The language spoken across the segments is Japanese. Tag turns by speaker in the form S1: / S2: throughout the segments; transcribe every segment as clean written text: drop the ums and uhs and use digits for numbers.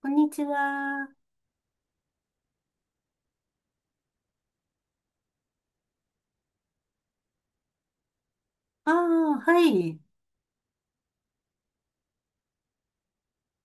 S1: こんにちは。ああ、はい。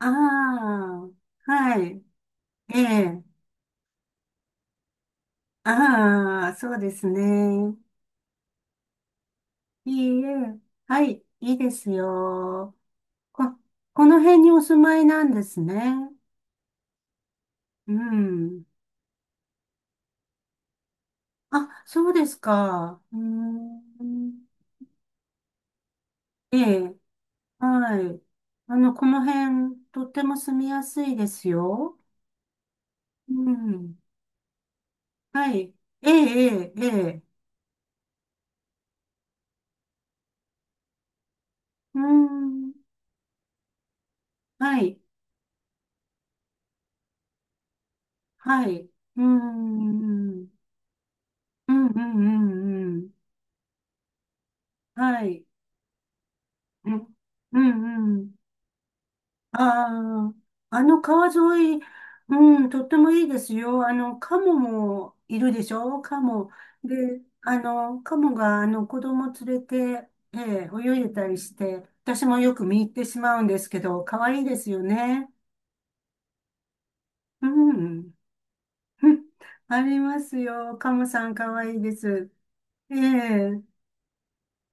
S1: ああ、はい。ええ。ああ、そうですね。いいえ。はい。いいですよ。こ、この辺にお住まいなんですね。うん。あ、そうですか。うーん。ええ。はい。あの、この辺、とっても住みやすいですよ。うん。はい。ええ、ええ、ええ。うーん。はい。はい。うん、うん、うん、うん、うん。はい。うん、うん、うん。ああ、あの川沿い、うん、とってもいいですよ。あの、カモもいるでしょ？カモ。で、あの、カモが、あの、子供連れて、え泳いでたりして、私もよく見入ってしまうんですけど、可愛いですよね。うん。ありますよ。カモさん可愛いです。ええ。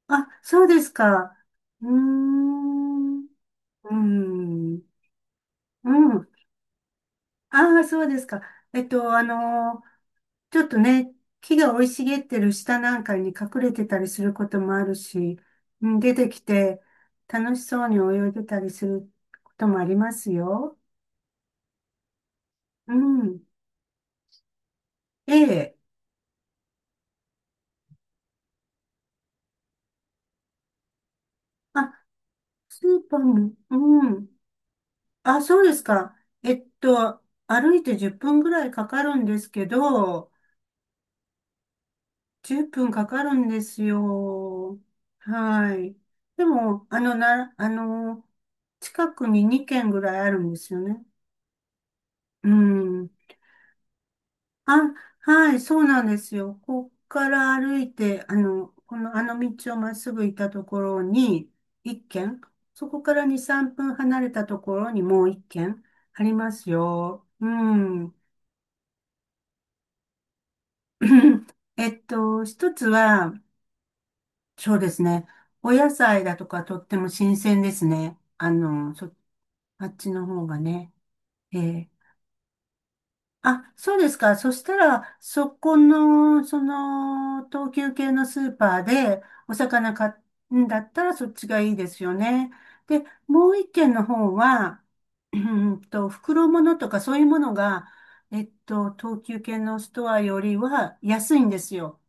S1: あ、そうですか。うーん。うーん。うん。ああ、そうですか。えっと、あのーちょっとね、木が生い茂ってる下なんかに隠れてたりすることもあるし、うん、出てきて楽しそうに泳いでたりすることもありますよ。うん。ええ。あ、スーパーも、うん。あ、そうですか。えっと、歩いて10分ぐらいかかるんですけど、10分かかるんですよ。はい。でも、あの、な、あの、近くに2軒ぐらいあるんですよね。うん。あ、はい、そうなんですよ。ここから歩いて、あの道をまっすぐ行ったところに1軒、そこから2、3分離れたところにもう1軒ありますよ。うん。一つは、そうですね。お野菜だとかとっても新鮮ですね。あっちの方がね。ええ。あ、そうですか。そしたら、そこの、その、東急系のスーパーでお魚買うんだったらそっちがいいですよね。で、もう一軒の方は、袋物とかそういうものが、東急系のストアよりは安いんですよ。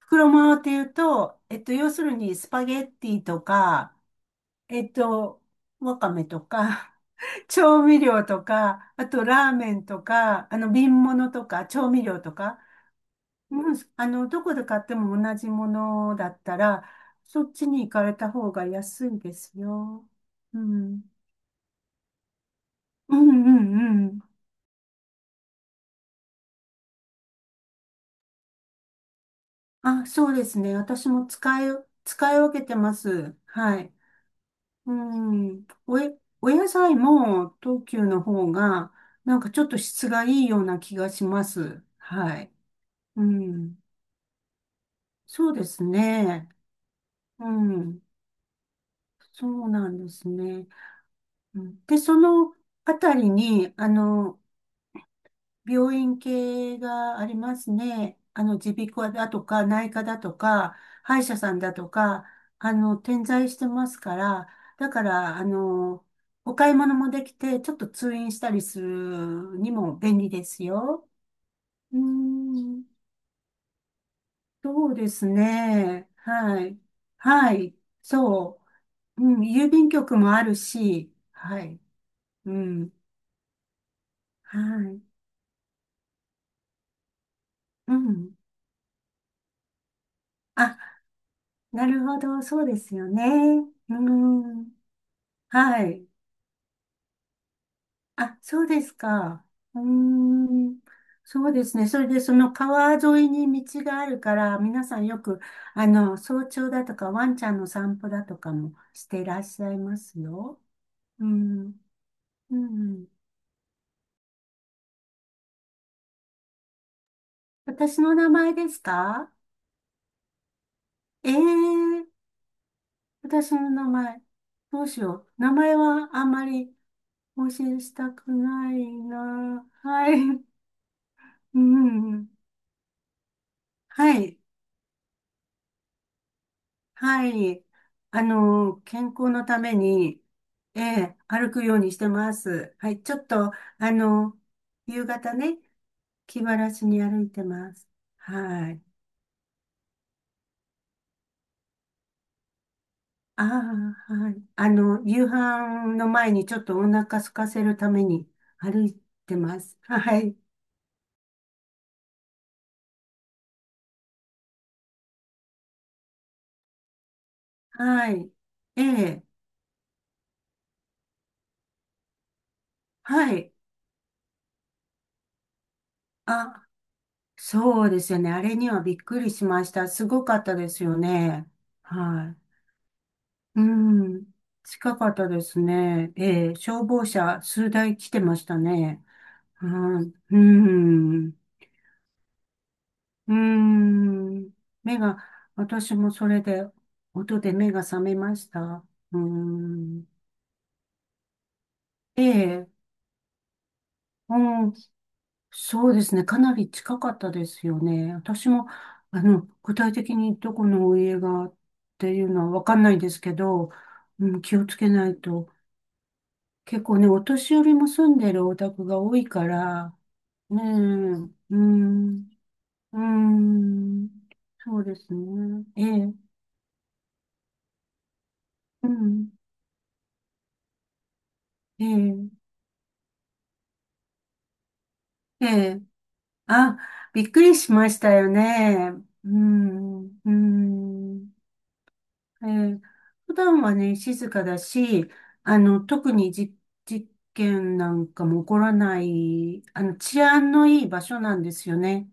S1: 袋物っていうと、要するにスパゲッティとか、えっと、わかめとか、調味料とか、あとラーメンとか、あの瓶物とか、調味料とか、うん、どこで買っても同じものだったら、そっちに行かれた方が安いですよ。うん。うんうんうん。あ、そうですね。私も使い分けてます。はい。うん。お野菜も東急の方が、なんかちょっと質がいいような気がします。はい。うん。そうですね。うん。そうなんですね。うんで、そのあたりに、病院系がありますね。耳鼻科だとか、内科だとか、歯医者さんだとか、点在してますから、だから、お買い物もできて、ちょっと通院したりするにも便利ですよ。うーん。そうですね。はい。はい。そう。うん、郵便局もあるし、はい。うん。はい。うん。あ、なるほど。そうですよね。うん。はい。あ、そうですか。うーん。そうですね。それで、その川沿いに道があるから、皆さんよく、早朝だとか、ワンちゃんの散歩だとかもしていらっしゃいますよ。うん。うん。私の名前ですか？ええ。私の名前、どうしよう。名前はあんまり更新したくないな。はい。うん。はい。はい。健康のために、歩くようにしてます。はい。ちょっと、あの、夕方ね、気晴らしに歩いてます。はい。ああ、はい。夕飯の前にちょっとお腹空かせるために歩いてます。はい。はい。ええ。はい。あ、そうですよね。あれにはびっくりしました。すごかったですよね。はい。うん。近かったですね。ええ、消防車数台来てましたね。はい。うん。うん。目が、私もそれで、音で目が覚めました。うん。ええ、うん。そうですね。かなり近かったですよね。私も、具体的にどこのお家がっていうのはわかんないですけど、うん、気をつけないと。結構ね、お年寄りも住んでるお宅が多いから、ねえ、うん、うん、そうですね。ええ、うん、ええ、ええ、あ、びっくりしましたよね。うん、うん。えー普段はね、静かだし、特に事件なんかも起こらない、治安のいい場所なんですよね。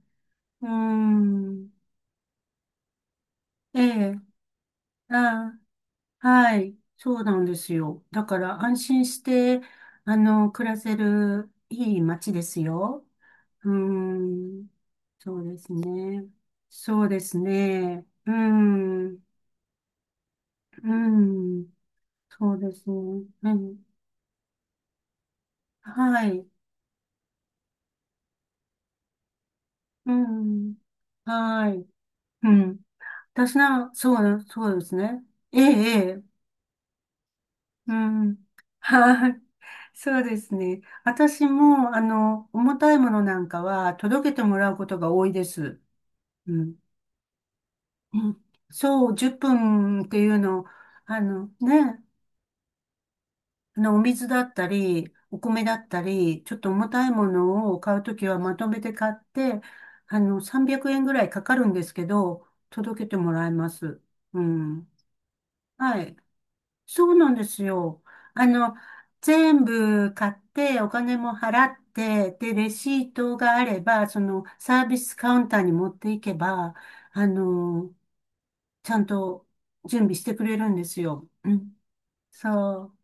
S1: うーん。ええ、あ、はい。そうなんですよ。だから安心して、暮らせるいい街ですよ。うーん。そうですね。そうですね。うーん。うーん。そうですね。うん。はい。うん。はい。うん。私な、そうな、そうですね。ええ、ええ。うん。はい。そうですね。私も、重たいものなんかは届けてもらうことが多いです。うん。うんそう、10分っぷんっていうの、あのね、お水だったり、お米だったり、ちょっと重たいものを買うときはまとめて買って、300円ぐらいかかるんですけど、届けてもらいます。うん。はい。そうなんですよ。あの、全部買ってお金も払って、で、レシートがあれば、そのサービスカウンターに持っていけば、あの、ちゃんと準備してくれるんですよ。うん。そう。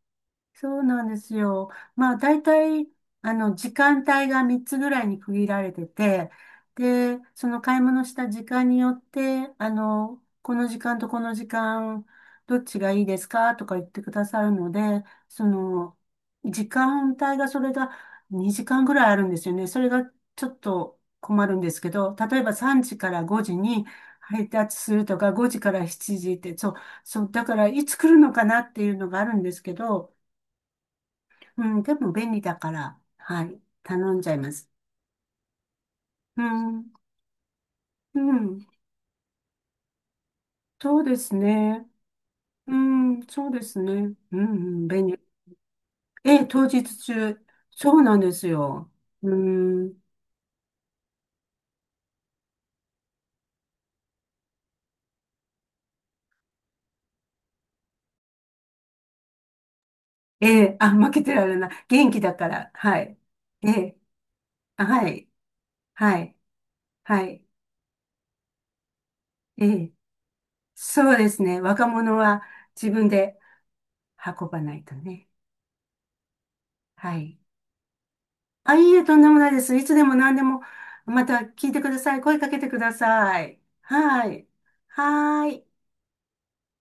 S1: そうなんですよ。まあ、大体、時間帯が3つぐらいに区切られてて、で、その買い物した時間によって、この時間とこの時間、どっちがいいですかとか言ってくださるので、その、時間帯がそれが2時間ぐらいあるんですよね。それがちょっと困るんですけど、例えば3時から5時に配達するとか、5時から7時って、そう、そう、だからいつ来るのかなっていうのがあるんですけど、うん、でも便利だから、はい、頼んじゃいます。うん、うん、そうですね。うん、そうですね。うん、うん、便利。ええ、当日中。そうなんですよ。うん、ええ、あ、負けてられない。元気だから、はい。ええ、あ、はい、はい、はい。ええ、そうですね。若者は自分で運ばないとね。はい。あ、いいえ、とんでもないです。いつでも何でも、また聞いてください。声かけてください。はい。はーい。